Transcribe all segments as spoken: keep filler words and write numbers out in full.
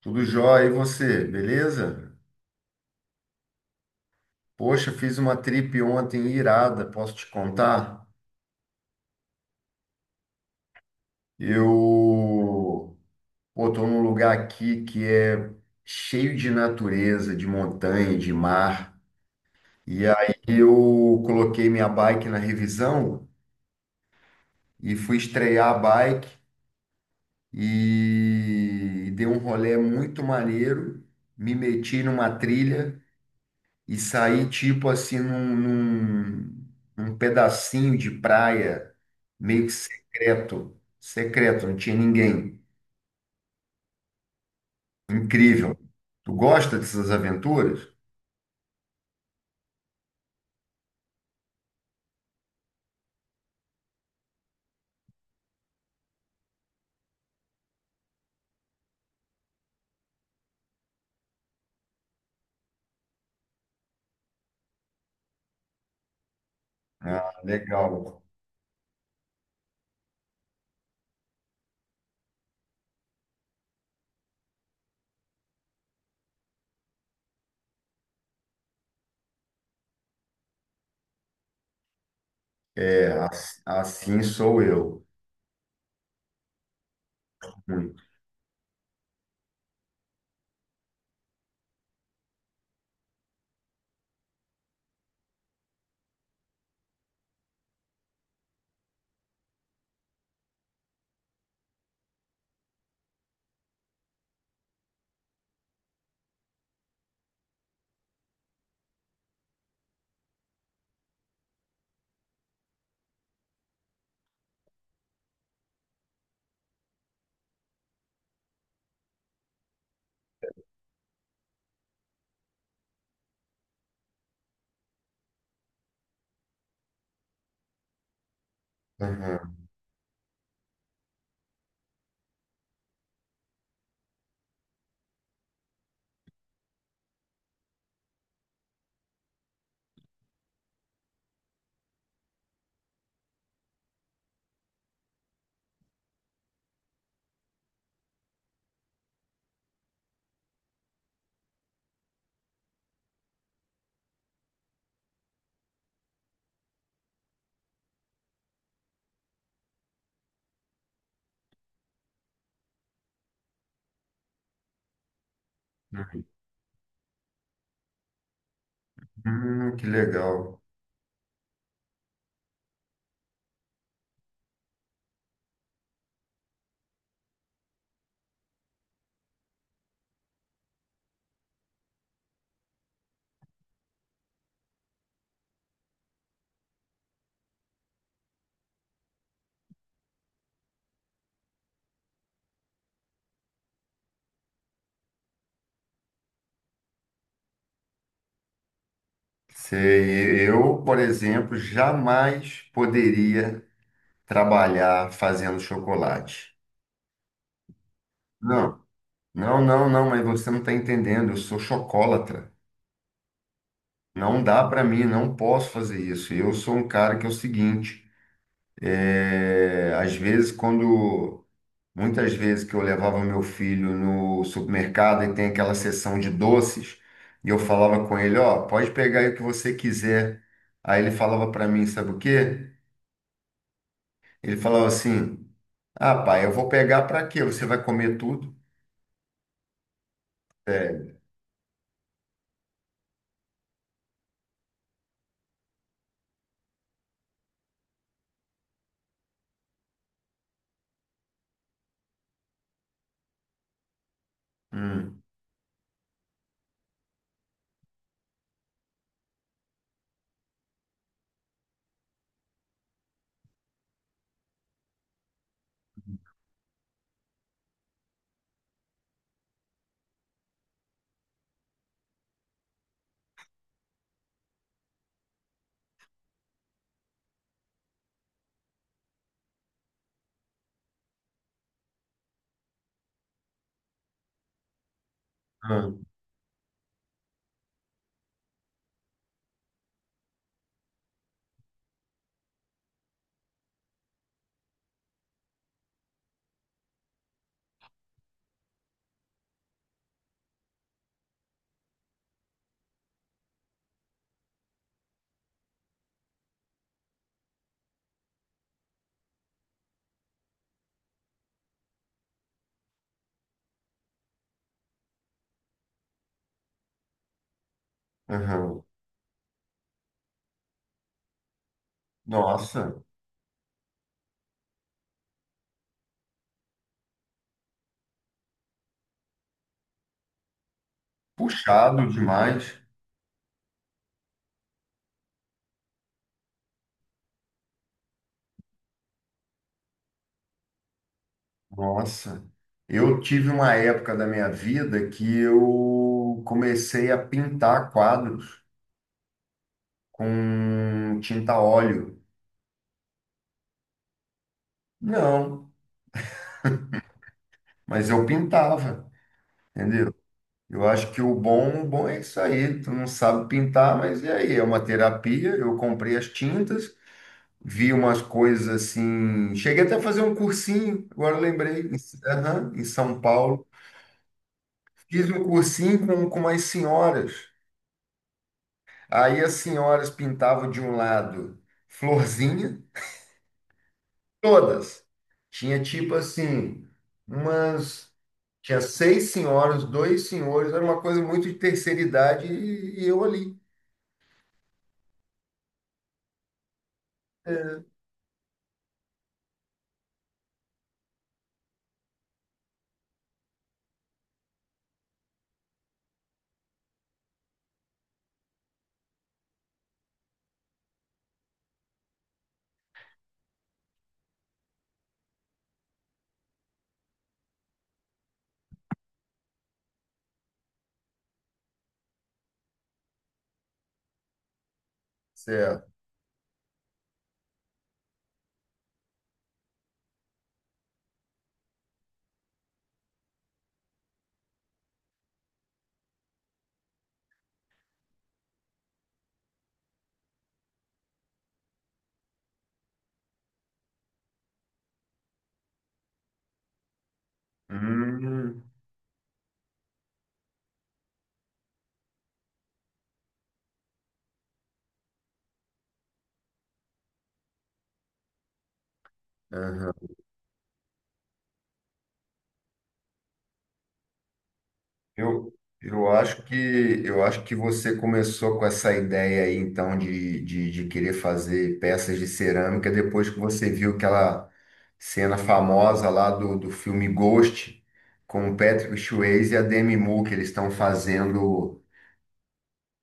Tudo jóia, e você, beleza? Poxa, fiz uma trip ontem irada, posso te contar? Eu, pô, tô num lugar aqui que é cheio de natureza, de montanha, de mar. E aí eu coloquei minha bike na revisão e fui estrear a bike e dei um rolê muito maneiro, me meti numa trilha. E sair tipo assim num, num, num pedacinho de praia meio que secreto, secreto, não tinha ninguém. Incrível. Tu gosta dessas aventuras? Ah, legal. É, ass- assim sou eu. Muito. Aham. Hum, que legal. Sei, eu, por exemplo, jamais poderia trabalhar fazendo chocolate. Não, não, não, não, mas você não está entendendo. Eu sou chocolatra. Não dá para mim, não posso fazer isso. Eu sou um cara que é o seguinte, é, às vezes quando, muitas vezes que eu levava meu filho no supermercado e tem aquela seção de doces, e eu falava com ele, ó, pode pegar aí o que você quiser. Aí ele falava para mim, sabe o quê? Ele falava assim, ah, pai, eu vou pegar para quê? Você vai comer tudo? Sério. Hum, hum, aham. Nossa, puxado demais. Nossa, eu tive uma época da minha vida que eu comecei a pintar quadros com tinta óleo. Não, mas eu pintava, entendeu? Eu acho que o bom, o bom é isso aí. Tu não sabe pintar, mas e aí? É uma terapia. Eu comprei as tintas, vi umas coisas assim. Cheguei até a fazer um cursinho, agora eu lembrei, em, aham, em São Paulo. Fiz um cursinho com, com umas senhoras. Aí as senhoras pintavam de um lado florzinha, todas. Tinha tipo assim, umas. Tinha seis senhoras, dois senhores, era uma coisa muito de terceira idade e, e eu ali. Certo. Hum. Eu, eu acho que eu acho que você começou com essa ideia aí, então, de, de, de querer fazer peças de cerâmica depois que você viu aquela cena famosa lá do, do filme Ghost, com o Patrick Swayze e a Demi Moore, que eles estão fazendo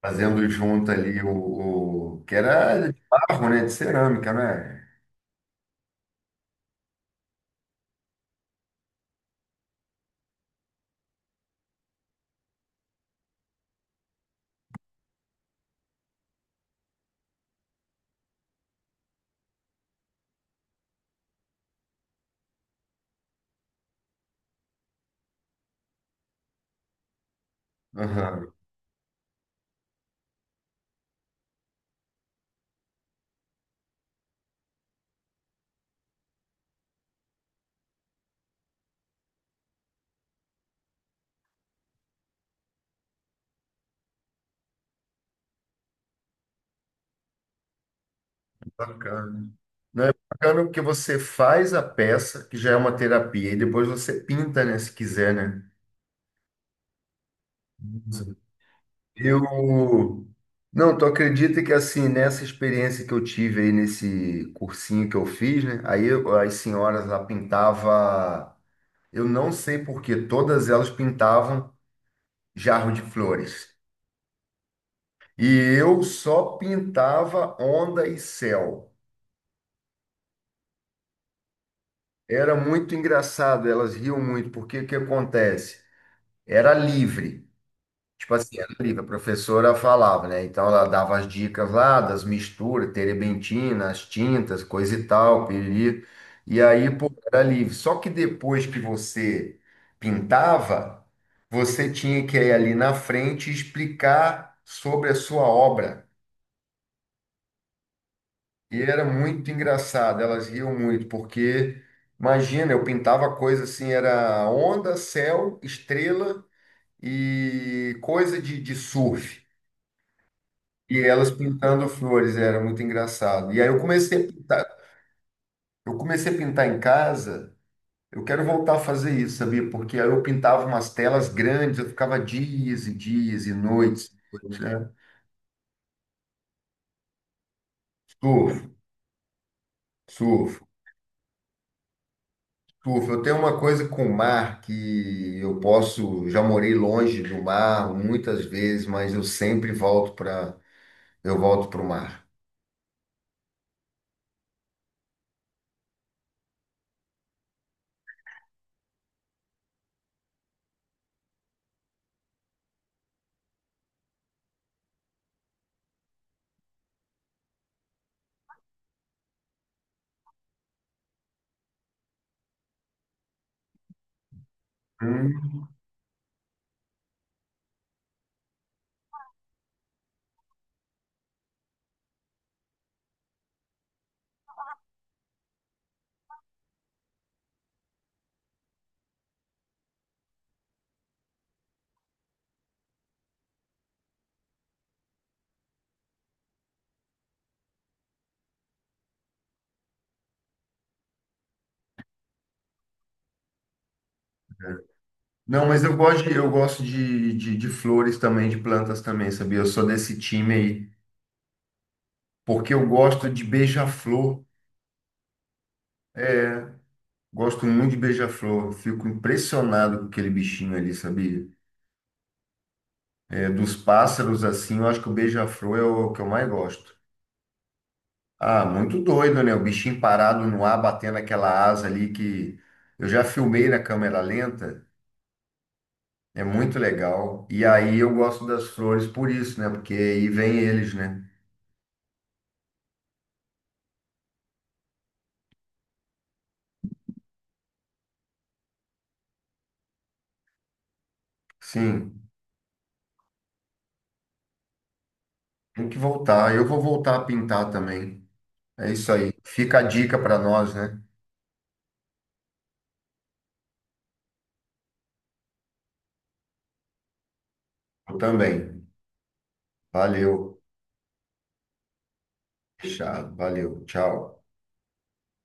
fazendo junto ali o, o- que era de barro, né? De cerâmica, né? Aham, bacana. Não é bacana porque você faz a peça, que já é uma terapia, e depois você pinta, né? Se quiser, né? Eu. Não, tu acredita que assim, nessa experiência que eu tive aí nesse cursinho que eu fiz, né? Aí eu- as senhoras lá pintava, eu não sei por quê, todas elas pintavam jarro de flores. E eu só pintava onda e céu. Era muito engraçado, elas riam muito, porque o que acontece? Era livre. Tipo assim, era livre, a professora falava, né? Então ela dava as dicas lá das misturas, terebentina, as tintas, coisa e tal, piriri. E aí, pô, era livre. Só que depois que você pintava, você tinha que ir ali na frente e explicar sobre a sua obra. E era muito engraçado, elas riam muito, porque imagina, eu pintava coisa assim, era onda, céu, estrela e coisa de, de surf. E elas pintando flores, era muito engraçado. E aí eu comecei a pintar, eu comecei a pintar em casa. Eu quero voltar a fazer isso, sabia? Porque aí eu pintava umas telas grandes, eu ficava dias e dias e noites, noites, né? Surfo, surfo, surfo. Eu tenho uma coisa com o mar que eu posso, já morei longe do mar muitas vezes, mas eu sempre volto para, eu volto para o mar. Hum. Não, mas eu gosto de, eu gosto de, de, de flores também, de plantas também, sabia? Eu sou desse time aí, porque eu gosto de beija-flor. É, gosto muito de beija-flor. Fico impressionado com aquele bichinho ali, sabia? É, dos pássaros, assim, eu acho que o beija-flor é o que eu mais gosto. Ah, muito doido, né? O bichinho parado no ar, batendo aquela asa ali que eu já filmei na câmera lenta. É muito legal. E aí eu gosto das flores por isso, né? Porque aí vem eles, né? Sim. Tem que voltar. Eu vou voltar a pintar também. É isso aí. Fica a dica para nós, né? Eu também. Valeu. Tchau. Valeu. Tchau.